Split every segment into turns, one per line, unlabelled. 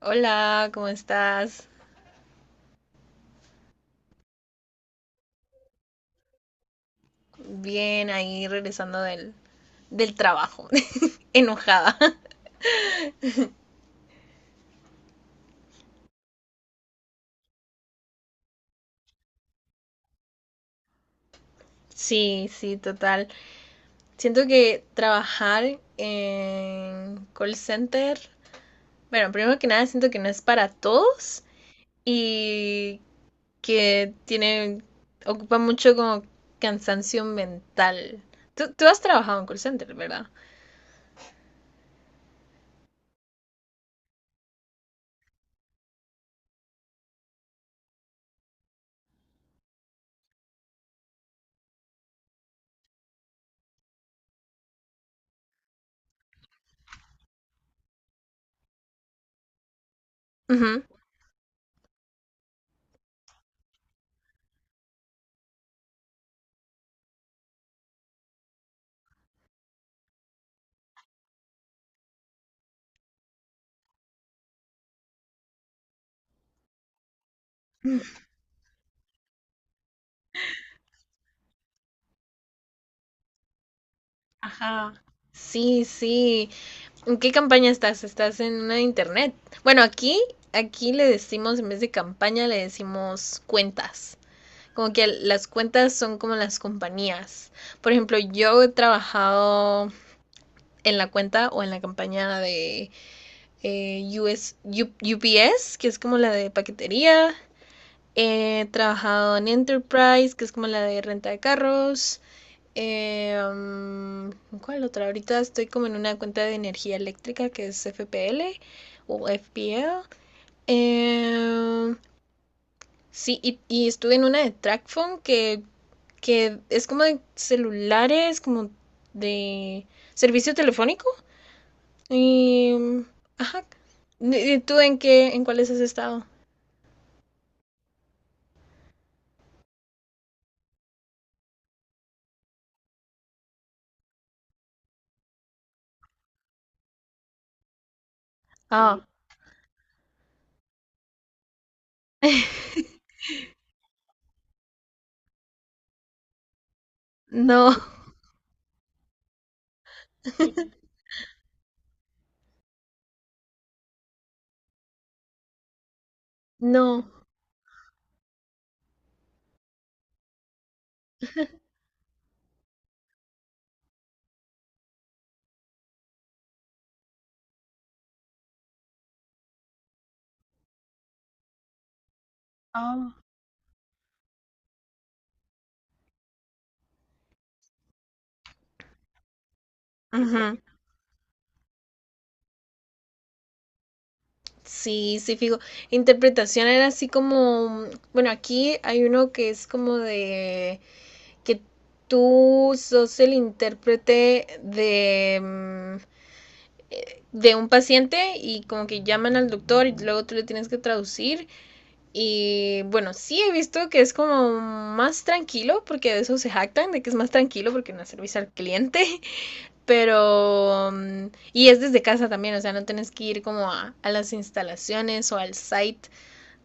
Hola, ¿cómo estás? Bien, ahí regresando del trabajo, enojada. Sí, sí, total. Siento que trabajar en call center, bueno, primero que nada siento que no es para todos y que tiene, ocupa mucho como cansancio mental. Tú has trabajado en call center, ¿verdad? Ujú. Ajá. Sí, sí. ¿En qué campaña estás? ¿Estás en una de internet? Bueno, aquí le decimos, en vez de campaña, le decimos cuentas. Como que las cuentas son como las compañías. Por ejemplo, yo he trabajado en la cuenta o en la campaña de US, UPS, que es como la de paquetería. He trabajado en Enterprise, que es como la de renta de carros. Eh, um, ¿Cuál otra? Ahorita estoy como en una cuenta de energía eléctrica que es FPL o FPL. Eh, sí, y estuve en una de TrackPhone que es como de celulares, como de servicio telefónico. Y, mm, ajá. ¿Y tú en qué, en cuáles has estado? Ah, no. No. Ah. Ujú. Sí, sí, fijo. Interpretación era así como, bueno, aquí hay uno que es como de que tú sos el intérprete de, de un paciente y como que llaman al doctor y luego tú le tienes que traducir. Y bueno, sí he visto que es como más tranquilo, porque de eso se jactan, de que es más tranquilo porque no es servicio al cliente, pero... Y es desde casa también, o sea, no tienes que ir como a las instalaciones o al site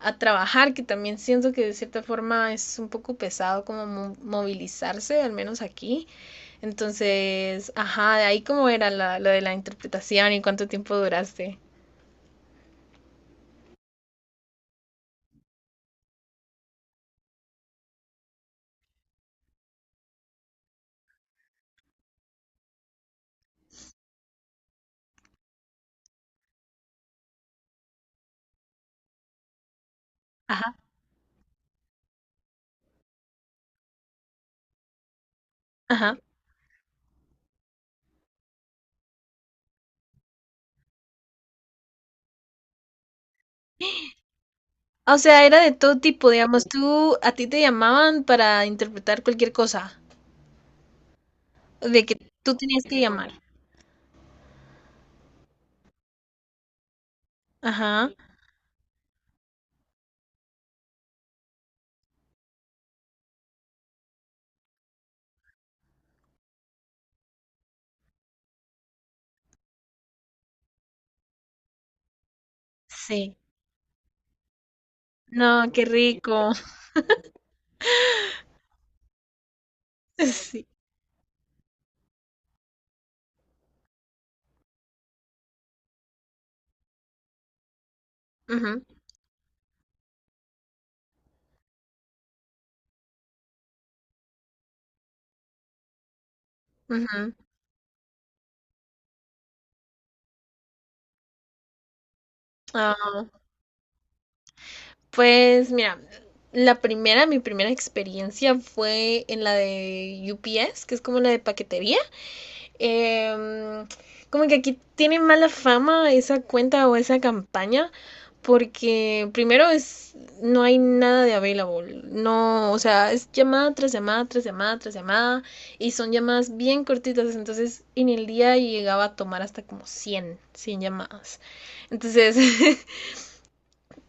a trabajar, que también siento que de cierta forma es un poco pesado como movilizarse, al menos aquí. Entonces, ajá, de ahí cómo era lo de la interpretación y cuánto tiempo duraste. Ajá, ajá. O sea, era de todo tipo, digamos, tú, a ti te llamaban para interpretar cualquier cosa, de que tú tenías que llamar. Ajá, sí. No, qué rico. Sí. Ajá, ajá. Pues mira, mi primera experiencia fue en la de UPS, que es como la de paquetería. Em, Como que aquí tiene mala fama esa cuenta o esa campaña, porque primero es, no hay nada de available. No, o sea, es llamada tras llamada, tras llamada, tras llamada, y son llamadas bien cortitas. Entonces, en el día llegaba a tomar hasta como 100, 100 llamadas. Entonces,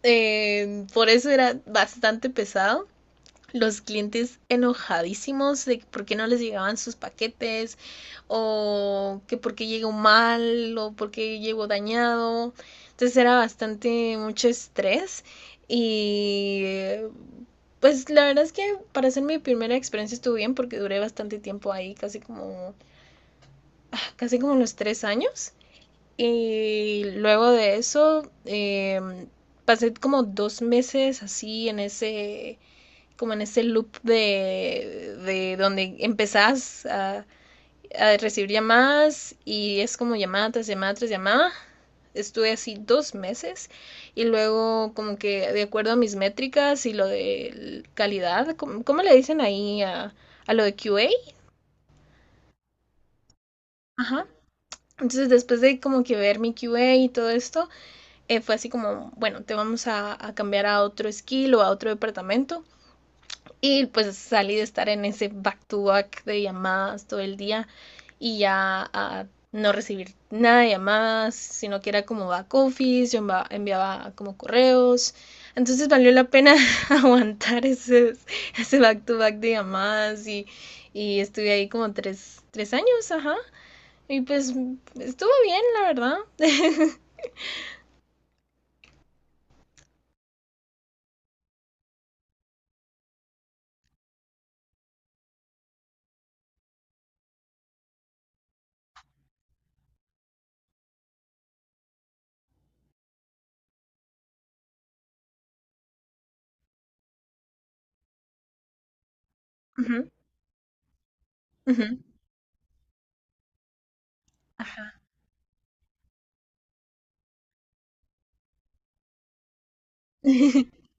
por eso era bastante pesado. Los clientes enojadísimos de por qué no les llegaban sus paquetes, o que por qué llegó mal, o por qué llegó dañado. Entonces era bastante mucho estrés y pues la verdad es que para ser mi primera experiencia estuvo bien porque duré bastante tiempo ahí, casi como los 3 años. Y luego de eso, pasé como 2 meses así en ese, como en ese loop de donde empezás a recibir llamadas y es como llamada tras llamada tras llamada. Estuve así 2 meses y luego como que de acuerdo a mis métricas y lo de calidad, ¿cómo le dicen ahí a lo de QA? Ajá. Entonces después de como que ver mi QA y todo esto, fue así como, bueno, te vamos a cambiar a otro skill o a otro departamento. Y pues salí de estar en ese back-to-back de llamadas todo el día y ya a no recibir nada de llamadas, sino que era como back office, yo enviaba, como correos. Entonces valió la pena aguantar ese back to back de llamadas y estuve ahí como tres años, ajá. Y pues estuvo bien, la verdad. Uh -huh, uh -huh, ajá.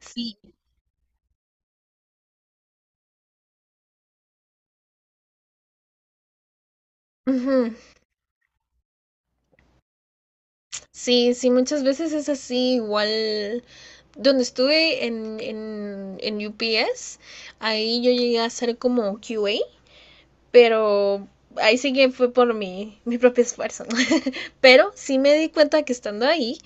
Sí, ujú. Sí, sí, muchas veces es así, igual donde estuve en, UPS, ahí yo llegué a hacer como QA, pero ahí sí que fue por mi propio esfuerzo, ¿no? Pero sí me di cuenta que estando ahí,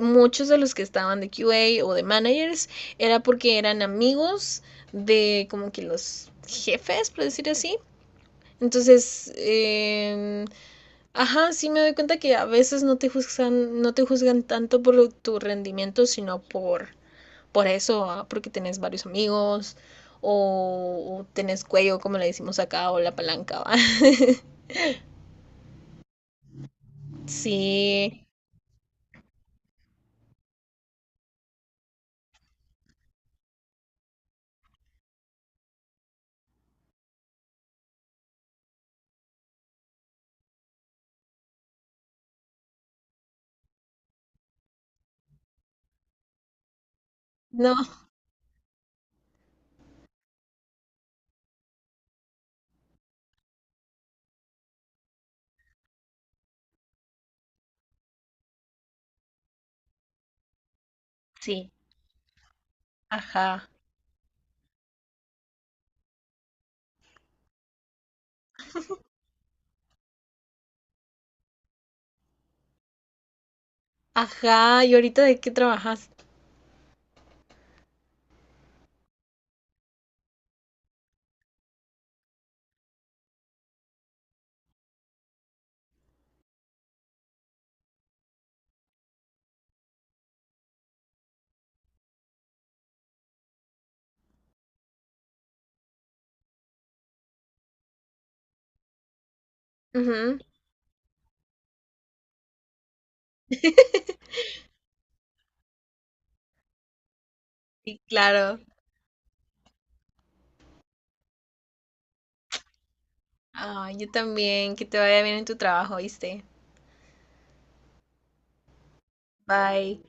muchos de los que estaban de QA o de managers era porque eran amigos de como que los jefes, por decir así. Entonces, ajá, sí me doy cuenta que a veces no te juzgan, no te juzgan tanto por tu rendimiento, sino por eso, ah, porque tenés varios amigos o tenés cuello, como le decimos acá, o la palanca, ¿va? Sí, no, sí, ajá, ajá, ¿y ahorita de qué trabajas? Ujú, sí, claro. Ah, yo también, que te vaya bien en tu trabajo, ¿viste? Bye.